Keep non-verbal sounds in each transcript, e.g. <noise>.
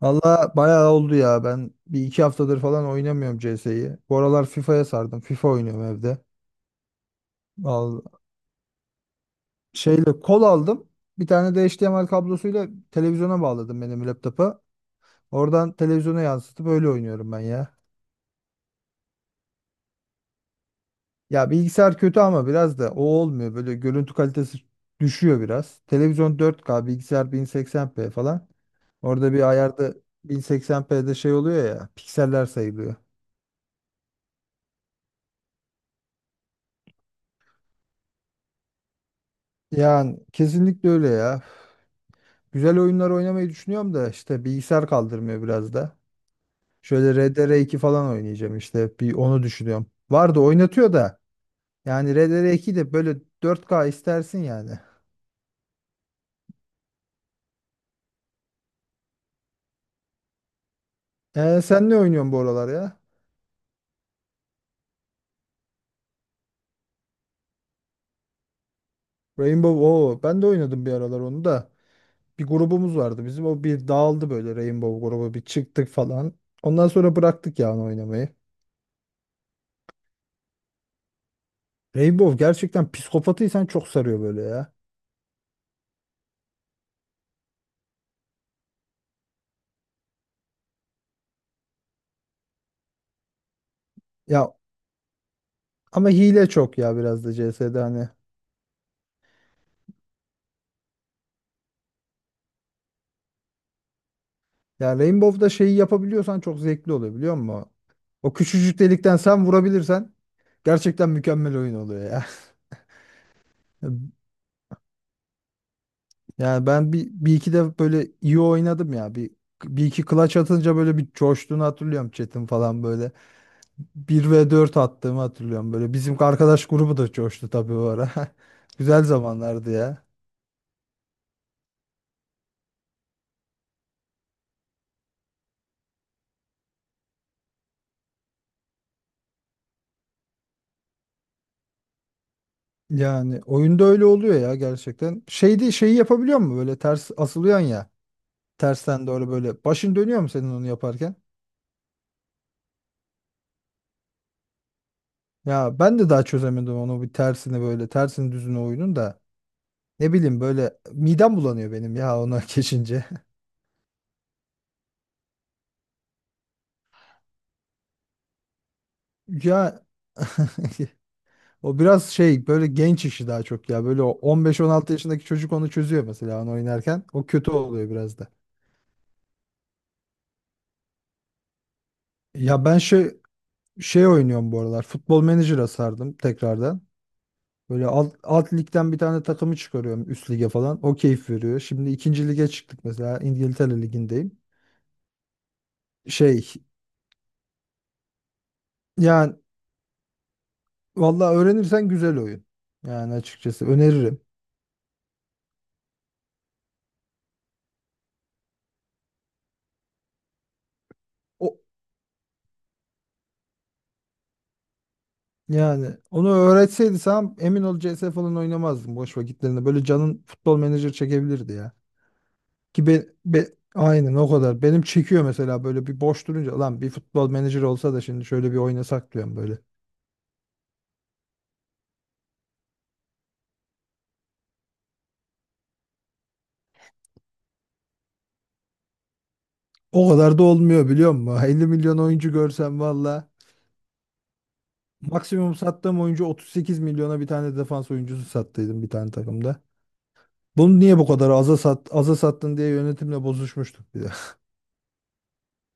Valla bayağı oldu ya. Ben bir iki haftadır falan oynamıyorum CS'yi. Bu aralar FIFA'ya sardım. FIFA oynuyorum evde. al şeyle kol aldım. Bir tane de HDMI kablosuyla televizyona bağladım benim laptopa. Oradan televizyona yansıtıp öyle oynuyorum ben ya. Ya bilgisayar kötü ama biraz da o olmuyor. Böyle görüntü kalitesi düşüyor biraz. Televizyon 4K, bilgisayar 1080p falan. Orada bir ayarda 1080p'de şey oluyor ya, pikseller sayılıyor. Yani kesinlikle öyle ya. Güzel oyunlar oynamayı düşünüyorum da işte bilgisayar kaldırmıyor biraz da. Şöyle RDR2 falan oynayacağım işte bir onu düşünüyorum. Vardı oynatıyor da yani RDR2 de böyle 4K istersin yani. Sen ne oynuyorsun bu aralar ya? Rainbow o ben de oynadım bir aralar onu da. Bir grubumuz vardı bizim o bir dağıldı böyle Rainbow grubu bir çıktık falan. Ondan sonra bıraktık yani oynamayı. Rainbow gerçekten psikopatıysan çok sarıyor böyle ya. Ya ama hile çok ya biraz da CS'de hani. Ya Rainbow'da şeyi yapabiliyorsan çok zevkli oluyor biliyor musun? O küçücük delikten sen vurabilirsen gerçekten mükemmel oyun oluyor ya. <laughs> Yani ben bir iki de böyle iyi oynadım ya. Bir iki clutch atınca böyle bir coştuğunu hatırlıyorum chat'in falan böyle. Bir ve 4 attığımı hatırlıyorum böyle. Bizim arkadaş grubu da coştu tabii o ara. <laughs> Güzel zamanlardı ya. Yani oyunda öyle oluyor ya gerçekten. Şeydi şeyi yapabiliyor mu böyle ters asılıyorsun ya. Tersten doğru böyle. Başın dönüyor mu senin onu yaparken? Ya ben de daha çözemedim onu bir tersini böyle tersini düzünü oyunun da ne bileyim böyle midem bulanıyor benim ya ona <laughs> geçince. Ya <laughs> o biraz şey böyle genç işi daha çok ya böyle o 15-16 yaşındaki çocuk onu çözüyor mesela onu oynarken o kötü oluyor biraz da. Ya ben şey oynuyorum bu aralar futbol menajer'a sardım tekrardan. Böyle alt ligden bir tane takımı çıkarıyorum üst lige falan o keyif veriyor. Şimdi ikinci lige çıktık mesela İngiltere ligindeyim. Şey Yani vallahi öğrenirsen güzel oyun. Yani açıkçası öneririm. O yani onu öğretseydi sen emin ol CS falan oynamazdım boş vakitlerinde. Böyle canın futbol menajer çekebilirdi ya. Aynen o kadar. Benim çekiyor mesela böyle bir boş durunca lan bir futbol menajer olsa da şimdi şöyle bir oynasak diyorum böyle. O kadar da olmuyor biliyor musun? <laughs> 50 milyon oyuncu görsem valla. Maksimum sattığım oyuncu 38 milyona bir tane defans oyuncusu sattıydım bir tane takımda. Bunu niye bu kadar aza sattın diye yönetimle bozuşmuştuk bir de.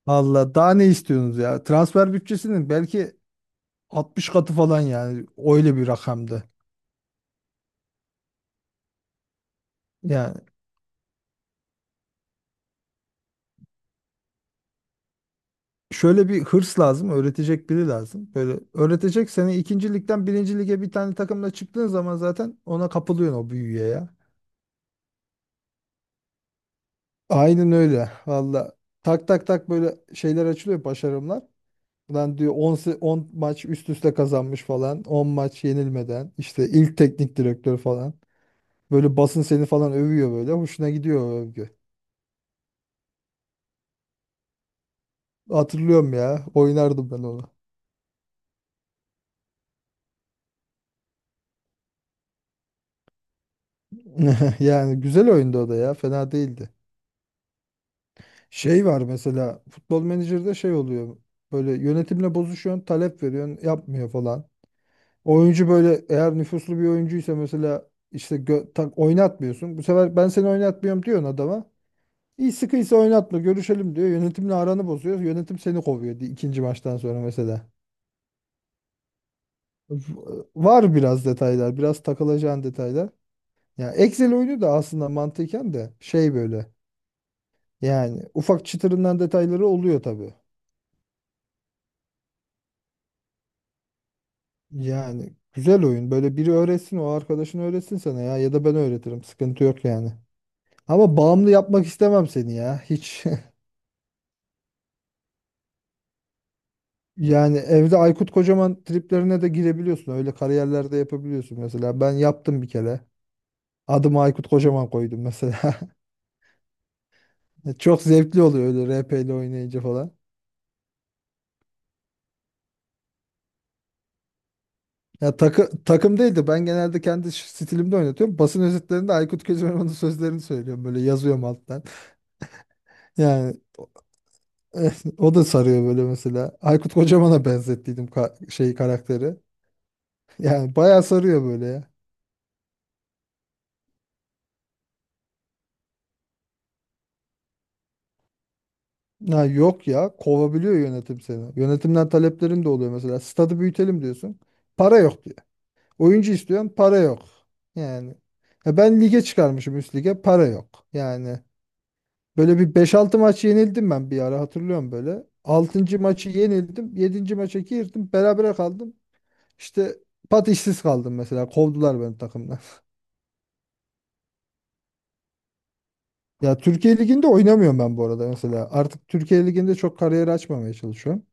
Valla daha ne istiyorsunuz ya? Transfer bütçesinin belki 60 katı falan yani öyle bir rakamdı. Yani şöyle bir hırs lazım, öğretecek biri lazım. Böyle öğretecek seni ikinci ligden birinci lige bir tane takımla çıktığın zaman zaten ona kapılıyorsun o büyüye ya. Aynen öyle valla. Tak tak tak böyle şeyler açılıyor başarımlar. Lan diyor 10 maç üst üste kazanmış falan. On maç yenilmeden, işte ilk teknik direktör falan. Böyle basın seni falan övüyor böyle. Hoşuna gidiyor o övgü. Hatırlıyorum ya. Oynardım ben onu. <laughs> Yani güzel oyundu o da ya. Fena değildi. Şey var mesela futbol menajerde şey oluyor. Böyle yönetimle bozuşuyorsun, talep veriyorsun, yapmıyor falan. Oyuncu böyle eğer nüfuslu bir oyuncuysa mesela işte tak, oynatmıyorsun. Bu sefer ben seni oynatmıyorum diyorsun adama. İyi sıkıysa oynatma, görüşelim diyor. Yönetimle aranı bozuyor. Yönetim seni kovuyor ikinci maçtan sonra mesela. Var biraz detaylar, biraz takılacağın detaylar. Ya Excel oyunu da aslında mantıken de şey böyle yani ufak çıtırından detayları oluyor tabii. Yani güzel oyun. Böyle biri öğretsin o arkadaşın öğretsin sana ya ya da ben öğretirim. Sıkıntı yok yani. Ama bağımlı yapmak istemem seni ya. Hiç. <laughs> Yani evde Aykut Kocaman triplerine de girebiliyorsun. Öyle kariyerlerde yapabiliyorsun mesela. Ben yaptım bir kere. Adımı Aykut Kocaman koydum mesela. <laughs> Çok zevkli oluyor öyle RP ile oynayınca falan. Ya takım değil de ben genelde kendi stilimde oynatıyorum. Basın özetlerinde Aykut Kocaman'ın sözlerini söylüyorum. Böyle yazıyorum alttan. Yani o <laughs> o da sarıyor böyle mesela. Aykut Kocaman'a benzettiydim şey karakteri. Yani bayağı sarıyor böyle ya. Ya yok ya kovabiliyor yönetim seni. Yönetimden taleplerin de oluyor mesela. Stadı büyütelim diyorsun. Para yok diyor. Oyuncu istiyorsun para yok. Yani ya ben lige çıkarmışım üst lige para yok. Yani böyle bir beş altı maç yenildim ben bir ara hatırlıyorum böyle. Altıncı maçı yenildim, yedinci maça girdim. Berabere kaldım. İşte pat işsiz kaldım mesela. Kovdular beni takımdan. <laughs> Ya Türkiye Ligi'nde oynamıyorum ben bu arada mesela. Artık Türkiye Ligi'nde çok kariyer açmamaya çalışıyorum.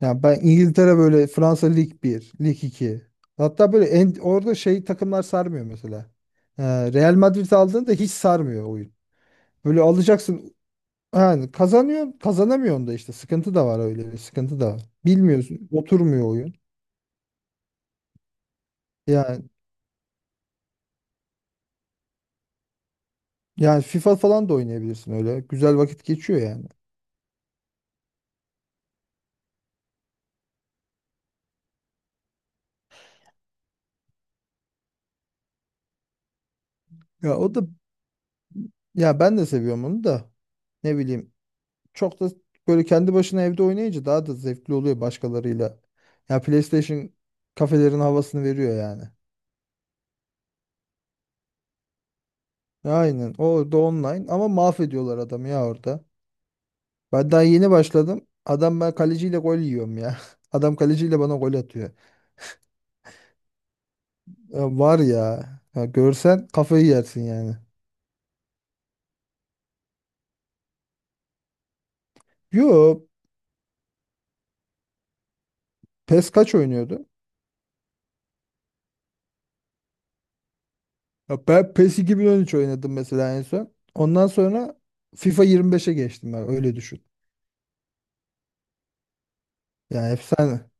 Yani ben İngiltere böyle Fransa Lig bir Lig iki. Hatta böyle orada şey takımlar sarmıyor mesela. Ee, Real Madrid aldığında hiç sarmıyor oyun. Böyle alacaksın. Yani kazanıyor, kazanamıyorsun da işte sıkıntı da var öyle bir sıkıntı da var. Bilmiyorsun, oturmuyor oyun. Yani yani FIFA falan da oynayabilirsin öyle. Güzel vakit geçiyor yani. Ya o da ya ben de seviyorum onu da. Ne bileyim çok da böyle kendi başına evde oynayınca daha da zevkli oluyor başkalarıyla. Ya PlayStation kafelerin havasını veriyor yani. Aynen. Orada online ama mahvediyorlar adamı ya orada. Ben daha yeni başladım. Adam ben kaleciyle gol yiyorum ya. <laughs> Adam kaleciyle bana gol atıyor. Ya var ya. Ya görsen kafayı yersin yani. Yo, PES kaç oynuyordu? Ya ben PES 2013 oynadım mesela en son. Ondan sonra FIFA 25'e geçtim ben öyle düşün. Yani efsane.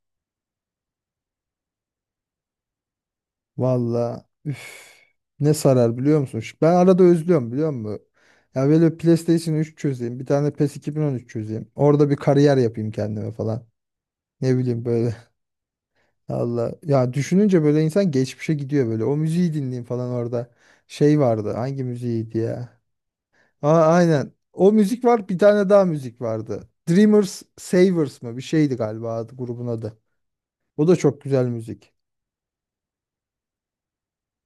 Valla üf, ne sarar biliyor musun? Ben arada özlüyorum biliyor musun? Ya böyle PlayStation 3 çözeyim. Bir tane PES 2013 çözeyim. Orada bir kariyer yapayım kendime falan. Ne bileyim böyle. Allah. Ya düşününce böyle insan geçmişe gidiyor böyle. O müziği dinleyeyim falan orada. Şey vardı. Hangi müziğiydi ya? Aa, aynen. O müzik var. Bir tane daha müzik vardı. Dreamers Savers mı? Bir şeydi galiba adı, grubun adı. O da çok güzel müzik.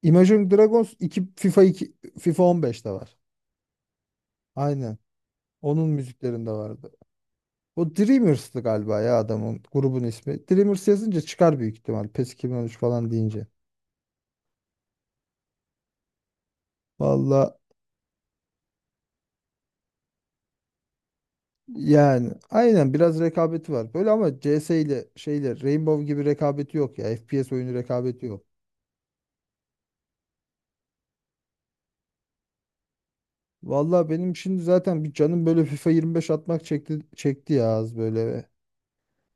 Imagine Dragons 2 FIFA 2 FIFA 15'te var. Aynen. Onun müziklerinde vardı. O Dreamers'tı galiba ya adamın grubun ismi. Dreamers yazınca çıkar büyük ihtimal. PES 2013 falan deyince. Valla. Yani aynen biraz rekabeti var. Böyle ama CS ile şeyle Rainbow gibi rekabeti yok ya. FPS oyunu rekabeti yok. Vallahi benim şimdi zaten bir canım böyle FIFA 25 atmak çekti çekti ya az böyle.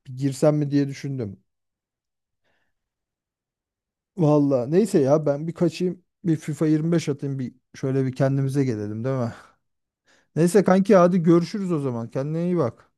Bir girsem mi diye düşündüm. Vallahi neyse ya ben bir kaçayım. Bir FIFA 25 atayım bir şöyle bir kendimize gelelim değil mi? Neyse kanki hadi görüşürüz o zaman. Kendine iyi bak.